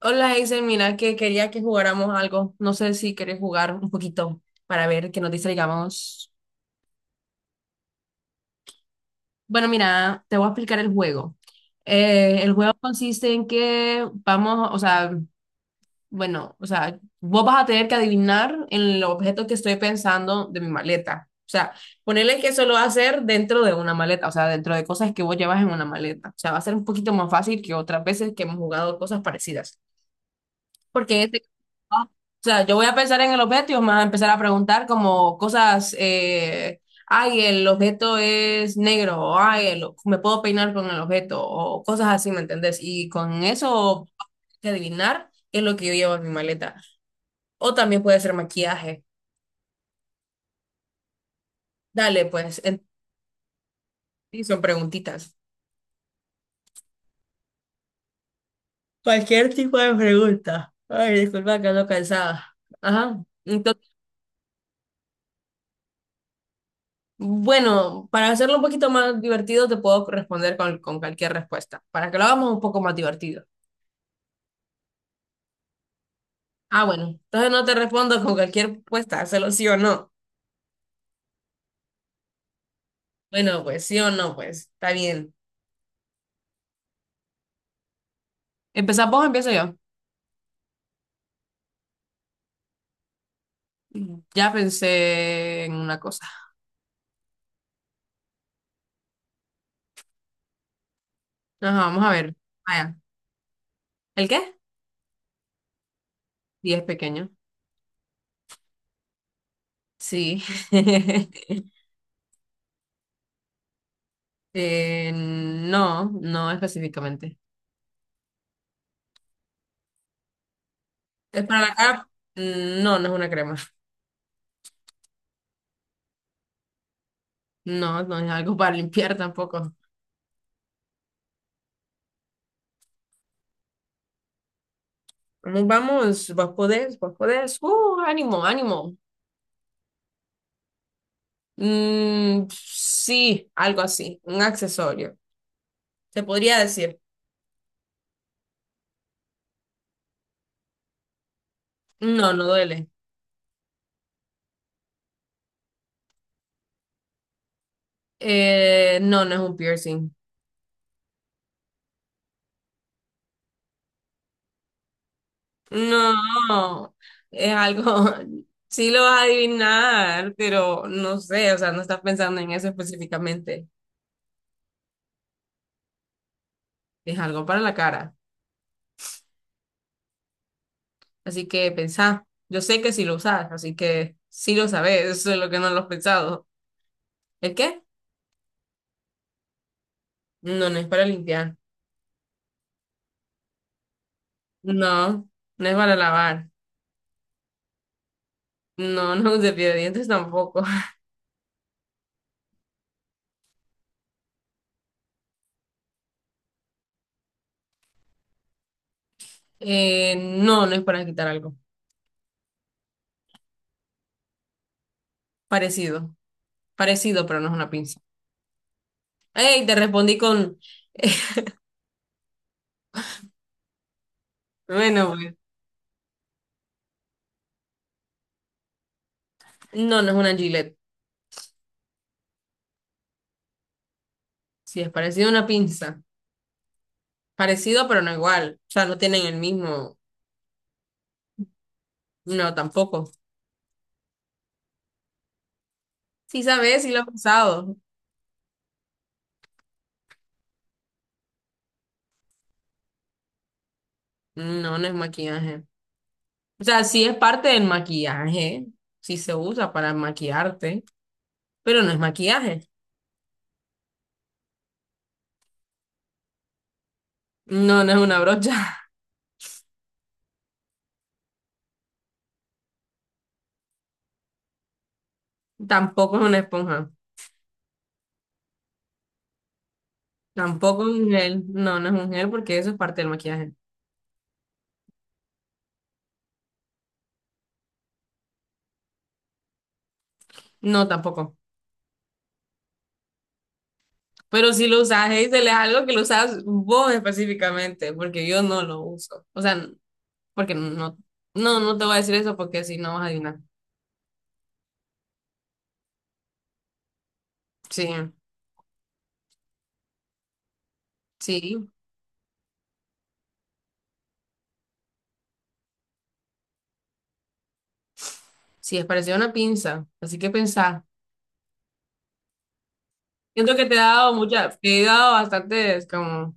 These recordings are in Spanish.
Hola, Hazel, mira que quería que jugáramos algo. No sé si quieres jugar un poquito para ver que nos distraigamos. Bueno, mira, te voy a explicar el juego. El juego consiste en que vamos, o sea, bueno, o sea, vos vas a tener que adivinar el objeto que estoy pensando de mi maleta. O sea, ponerle que eso lo va a hacer dentro de una maleta, o sea, dentro de cosas que vos llevas en una maleta. O sea, va a ser un poquito más fácil que otras veces que hemos jugado cosas parecidas. Porque en este caso, ¿no? O sea, yo voy a pensar en el objeto y me vas a empezar a preguntar como cosas, ay, el objeto es negro, o ay, me puedo peinar con el objeto, o cosas así, ¿me entendés? Y con eso hay que adivinar qué es lo que yo llevo en mi maleta. O también puede ser maquillaje. Dale, pues, y son preguntitas. Cualquier tipo de pregunta. Ay, disculpa, que ando cansada. Ajá. Entonces, bueno, para hacerlo un poquito más divertido, te puedo responder con cualquier respuesta. Para que lo hagamos un poco más divertido. Ah, bueno, entonces no te respondo con cualquier respuesta, hazlo sí o no. Bueno, pues sí o no, pues está bien. ¿Empezamos vos o empiezo yo? Mm. Ya pensé en una cosa. Ajá, vamos a ver. Vaya. ¿El qué? 10 pequeño. Sí. No, no específicamente. ¿Es para la cara? No, no es una crema. No, no es algo para limpiar tampoco. Vamos, vamos, vos podés, vos podés. Ánimo, ánimo. Sí, algo así, un accesorio. Se podría decir, no, no duele. No, no es un piercing. No, es algo, sí lo vas a adivinar, pero no sé, o sea, no estás pensando en eso específicamente. Es algo para la cara. Así que pensá, yo sé que sí lo usas, así que sí lo sabes, eso es lo que no lo has pensado. ¿El qué? No, no es para limpiar. No, no es para lavar. No, no es de pie de dientes tampoco. No, no es para quitar algo. Parecido. Parecido, pero no es una pinza. ¡Ey! Te respondí con. Bueno, pues. No, no es una Gillette. Sí, es parecido a una pinza. Parecido, pero no igual. O sea, no tienen el mismo. No, tampoco. Sí, sabes, sí lo he usado. No, no es maquillaje. O sea, sí es parte del maquillaje. Sí se usa para maquillarte, pero no es maquillaje. No, no es una brocha. Tampoco es una esponja. Tampoco es un gel. No, no es un gel porque eso es parte del maquillaje. No, tampoco. Pero si lo usas, Hazel, es algo que lo usas vos específicamente, porque yo no lo uso. O sea, porque no, no, no te voy a decir eso porque si no vas a adivinar. Sí, sí, sí, es parecido a una pinza. Así que pensá. Siento que te he dado bastantes como,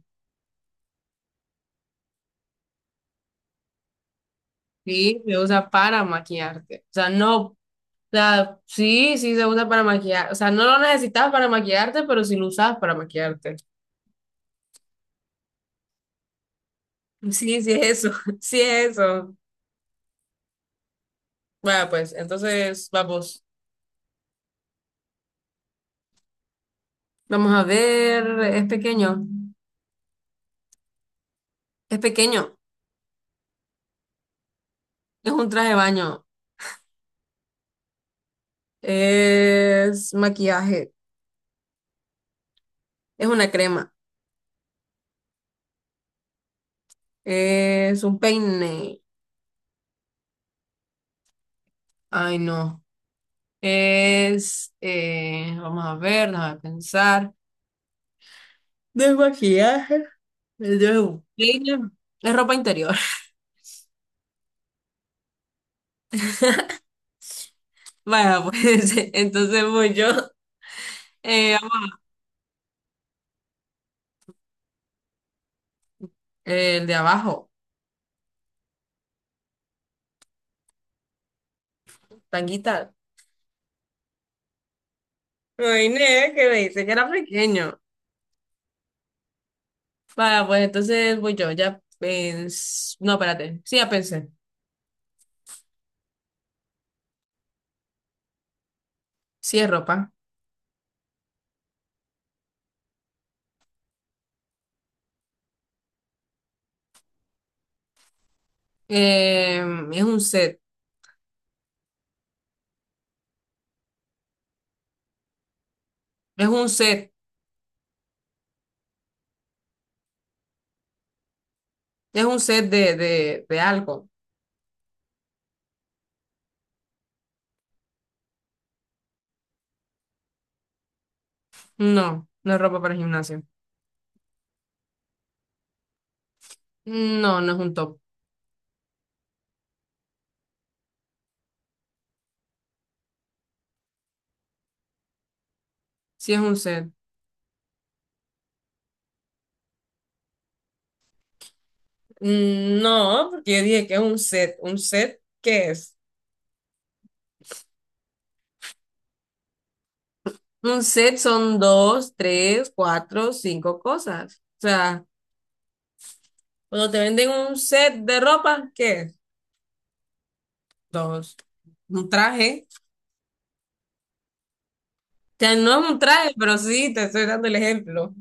sí, se usa para maquillarte. O sea, no O sea, sí, sí se usa para maquillar. O sea, no lo necesitas para maquillarte, pero sí lo usas para maquillarte. Sí, sí es eso, sí es eso. Bueno, pues entonces vamos. Vamos a ver, es pequeño, es pequeño, es un traje de baño, es maquillaje, es una crema, es un peine. Ay, no. Vamos a ver, déjame pensar. Desmaquillaje. Es de un peine. Es ropa interior. Vaya, pues entonces voy yo. Eh, el de abajo, tanguita. Me ne que me dice que era pequeño. Vaya, pues entonces voy yo. No, espérate. Sí, ya pensé. Sí, es ropa. Eh, es un set. Es un set. Es un set de, algo. No, no es ropa para gimnasio. No, no es un top. Sí, es un set. No, porque yo dije que es un set. ¿Un set qué es? Un set son dos, tres, cuatro, cinco cosas. O sea, cuando te venden un set de ropa, ¿qué es? Dos. Un traje. O sea, no es un traje, pero sí, te estoy dando el ejemplo.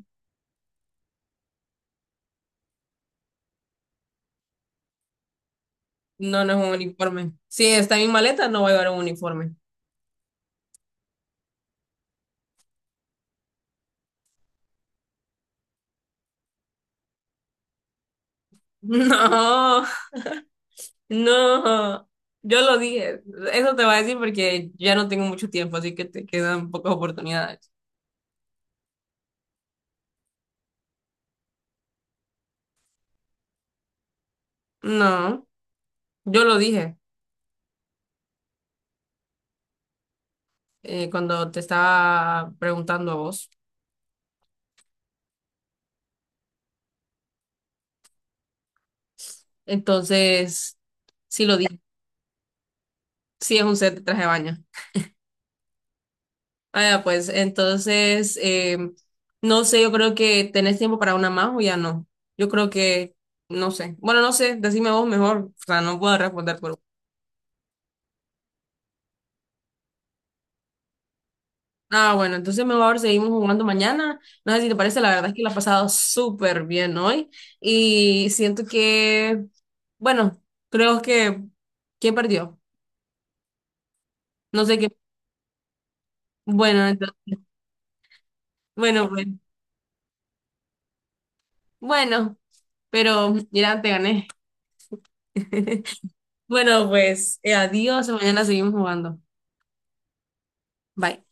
No, no es un uniforme. Si está en mi maleta, no voy a llevar un uniforme. No, no. Yo lo dije. Eso te va a decir porque ya no tengo mucho tiempo, así que te quedan pocas oportunidades. No, yo lo dije, cuando te estaba preguntando a vos. Entonces, sí lo dije, sí es un set de traje de baño. Ah, ya, pues, entonces, no sé, yo creo que tenés tiempo para una más o ya no. Yo creo que, no sé. Bueno, no sé, decime vos mejor, o sea, no puedo responder por... Ah, bueno, entonces mejor seguimos jugando mañana. No sé si te parece, la verdad es que la he pasado súper bien hoy y siento que, bueno, creo que, ¿quién perdió? No sé qué. Bueno, entonces, bueno, bueno, bueno, pero mira, te gané. Bueno, pues adiós, mañana seguimos jugando. Bye.